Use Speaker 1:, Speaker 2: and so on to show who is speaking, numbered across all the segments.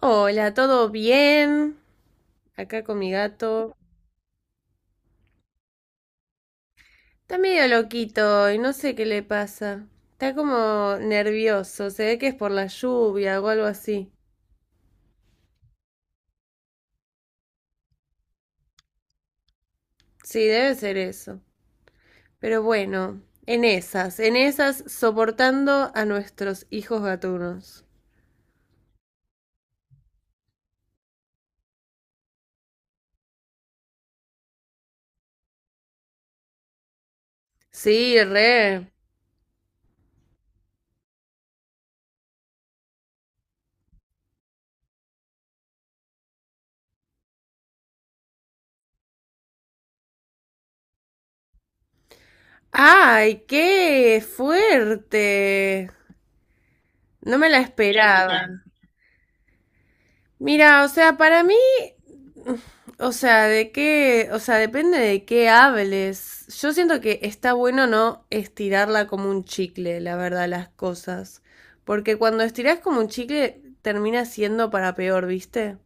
Speaker 1: Hola, ¿todo bien? Acá con mi gato. Está medio loquito y no sé qué le pasa. Está como nervioso, se ve que es por la lluvia o algo así. Sí, debe ser eso. Pero bueno, en esas, soportando a nuestros hijos gatunos. Sí, re. ¡Ay, qué fuerte! No me la esperaba. Mira, o sea, para mí O sea, o sea, depende de qué hables. Yo siento que está bueno no estirarla como un chicle, la verdad, las cosas. Porque cuando estirás como un chicle, termina siendo para peor, ¿viste?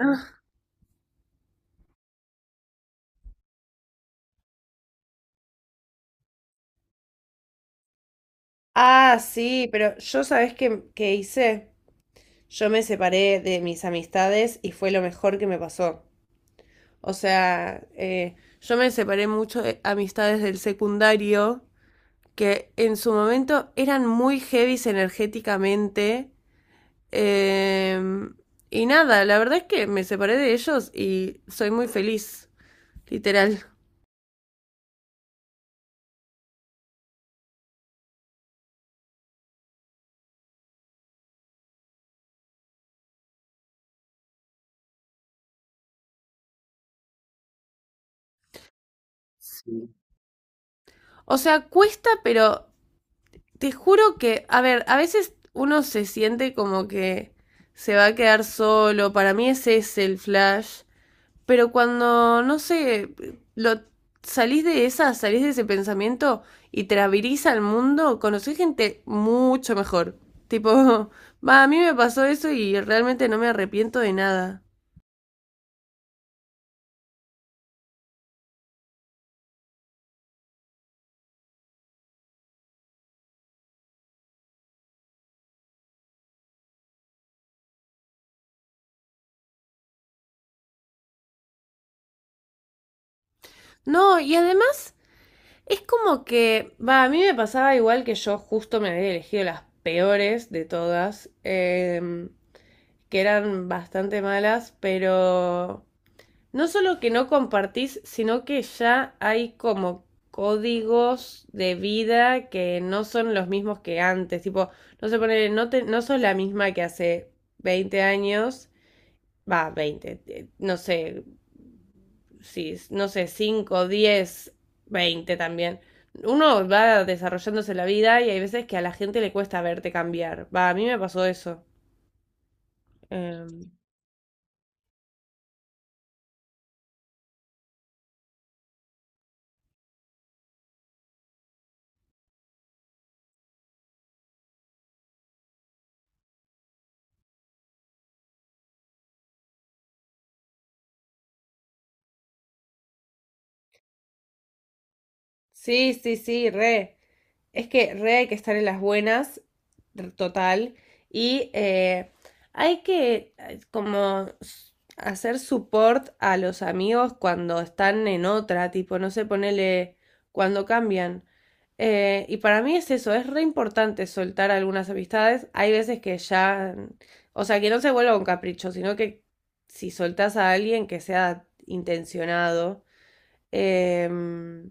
Speaker 1: Ah, ah, sí, pero yo sabes qué hice. Yo me separé de mis amistades y fue lo mejor que me pasó. O sea, yo me separé mucho de amistades del secundario que en su momento eran muy heavies energéticamente. eh, y nada, la verdad es que me separé de ellos y soy muy feliz, literal. O sea, cuesta, pero te juro que, a ver, a veces uno se siente como que se va a quedar solo. Para mí ese es el flash. Pero cuando, no sé, lo salís de ese pensamiento y te abrís al mundo, conocés gente mucho mejor. Tipo, va, a mí me pasó eso y realmente no me arrepiento de nada. No, y además es como que, va, a mí me pasaba igual que yo justo me había elegido las peores de todas, que eran bastante malas, pero no solo que no compartís, sino que ya hay como códigos de vida que no son los mismos que antes. Tipo, no se pone, no, te, no sos la misma que hace 20 años, va, 20, no sé, sí, no sé, 5, 10, 20 también. Uno va desarrollándose la vida y hay veces que a la gente le cuesta verte cambiar. Va, a mí me pasó eso. Em, sí, sí, sí, re. Es que re hay que estar en las buenas, total, y hay que como hacer support a los amigos cuando están en otra, tipo, no sé, ponele cuando cambian. Y para mí es eso, es re importante soltar algunas amistades. Hay veces que ya, o sea, que no se vuelva un capricho, sino que si soltás a alguien que sea intencionado. Em,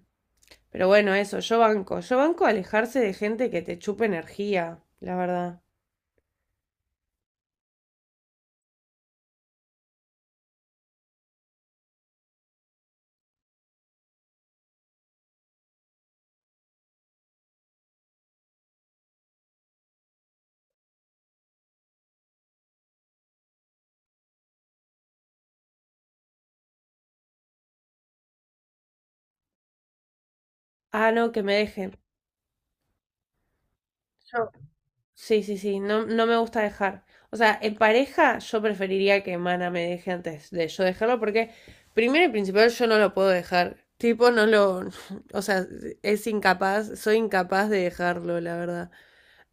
Speaker 1: pero bueno, eso, yo banco. Yo banco alejarse de gente que te chupe energía, la verdad. Ah, no, que me dejen. Yo. Sí, sí, sí, no, no me gusta dejar. O sea, en pareja yo preferiría que Mana me deje antes de yo dejarlo porque primero y principal yo no lo puedo dejar. Tipo, no lo o sea, es incapaz, soy incapaz de dejarlo, la verdad.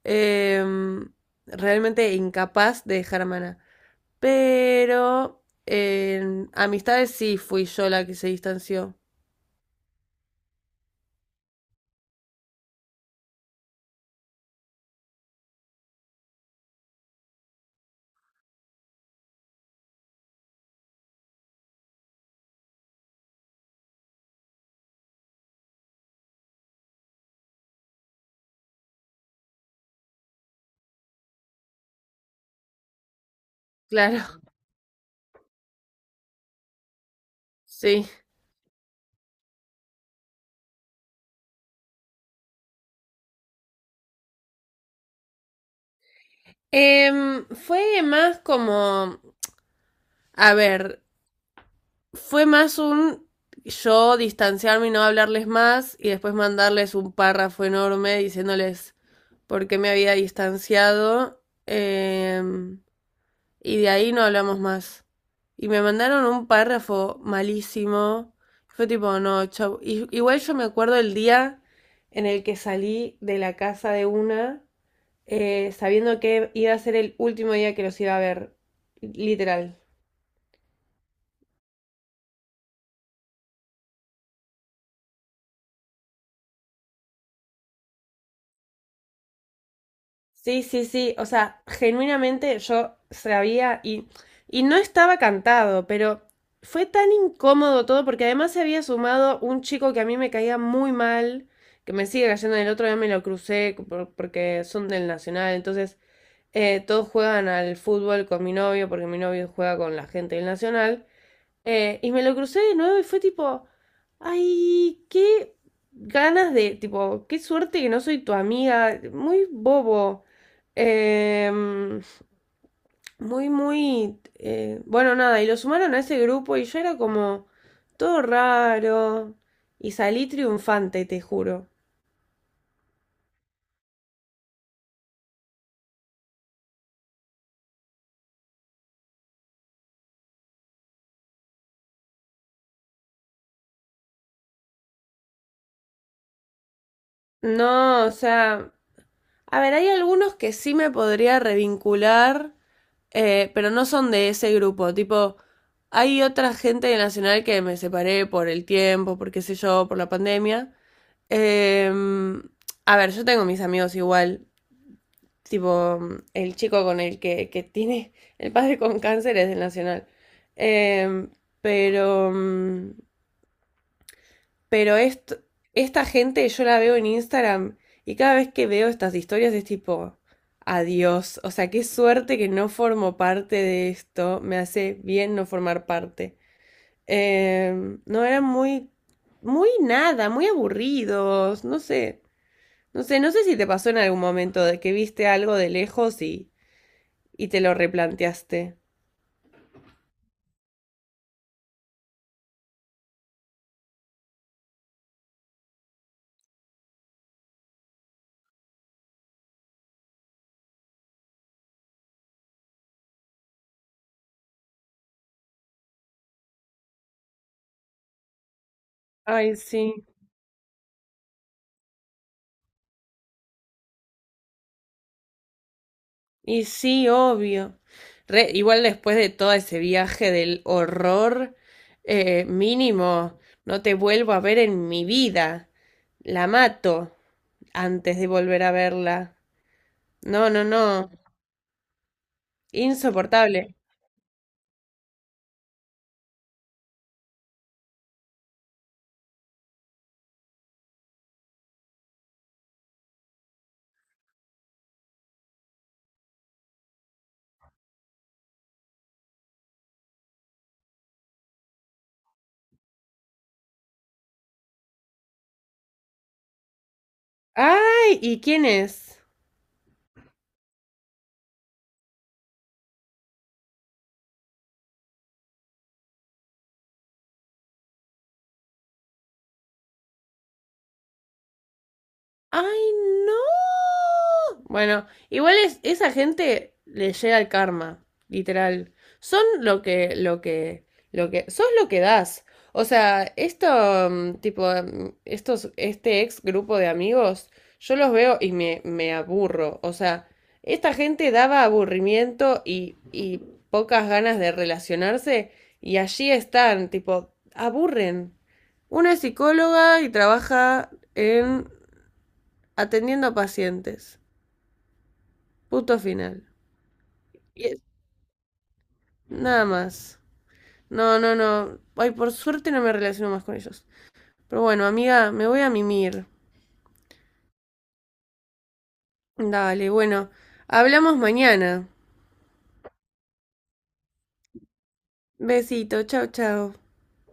Speaker 1: Em, realmente incapaz de dejar a Mana. Pero en amistades sí fui yo la que se distanció. Claro, sí. Fue más como, a ver, fue más un yo distanciarme y no hablarles más y después mandarles un párrafo enorme diciéndoles por qué me había distanciado, y de ahí no hablamos más. Y me mandaron un párrafo malísimo. Fue tipo, no, chau. Igual yo me acuerdo el día en el que salí de la casa de una, sabiendo que iba a ser el último día que los iba a ver, literal. Sí, sí, sí, o sea, genuinamente yo sabía y no estaba cantado, pero fue tan incómodo todo porque además se había sumado un chico que a mí me caía muy mal, que me sigue cayendo. El otro día me lo crucé porque son del Nacional, entonces todos juegan al fútbol con mi novio porque mi novio juega con la gente del Nacional. Y me lo crucé de nuevo y fue tipo, ay, qué ganas de, tipo, qué suerte que no soy tu amiga, muy bobo. Em, muy, muy, bueno, nada, y lo sumaron a ese grupo y yo era como todo raro y salí triunfante, te juro. No, o sea, a ver, hay algunos que sí me podría revincular, pero no son de ese grupo. Tipo, hay otra gente de Nacional que me separé por el tiempo, por qué sé yo, por la pandemia. Eh, a ver, yo tengo mis amigos igual. Tipo, el chico con el que tiene el padre con cáncer es del Nacional. Eh, pero mm, pero est- Esta gente yo la veo en Instagram y cada vez que veo estas historias es tipo, adiós. O sea, qué suerte que no formo parte de esto. Me hace bien no formar parte. No, eran muy, muy nada, muy aburridos. No sé si te pasó en algún momento de que viste algo de lejos y te lo replanteaste. Ay, sí. Y sí, obvio. Igual después de todo ese viaje del horror, mínimo, no te vuelvo a ver en mi vida. La mato antes de volver a verla. No, no, no. Insoportable. ¡Ay! ¿Y quién es? ¡Ay, no! Bueno, igual es, esa gente le llega el karma, literal. Son lo que, lo que, lo que, sos lo que das. O sea, esto, tipo, este ex grupo de amigos, yo los veo y me aburro. O sea, esta gente daba aburrimiento y pocas ganas de relacionarse y allí están, tipo, aburren. Una es psicóloga y trabaja en atendiendo a pacientes. Punto final. Y es- nada más. No, no, no. Ay, por suerte no me relaciono más con ellos. Pero bueno, amiga, me voy a mimir. Dale, bueno. Hablamos mañana. Besito, chao, chao.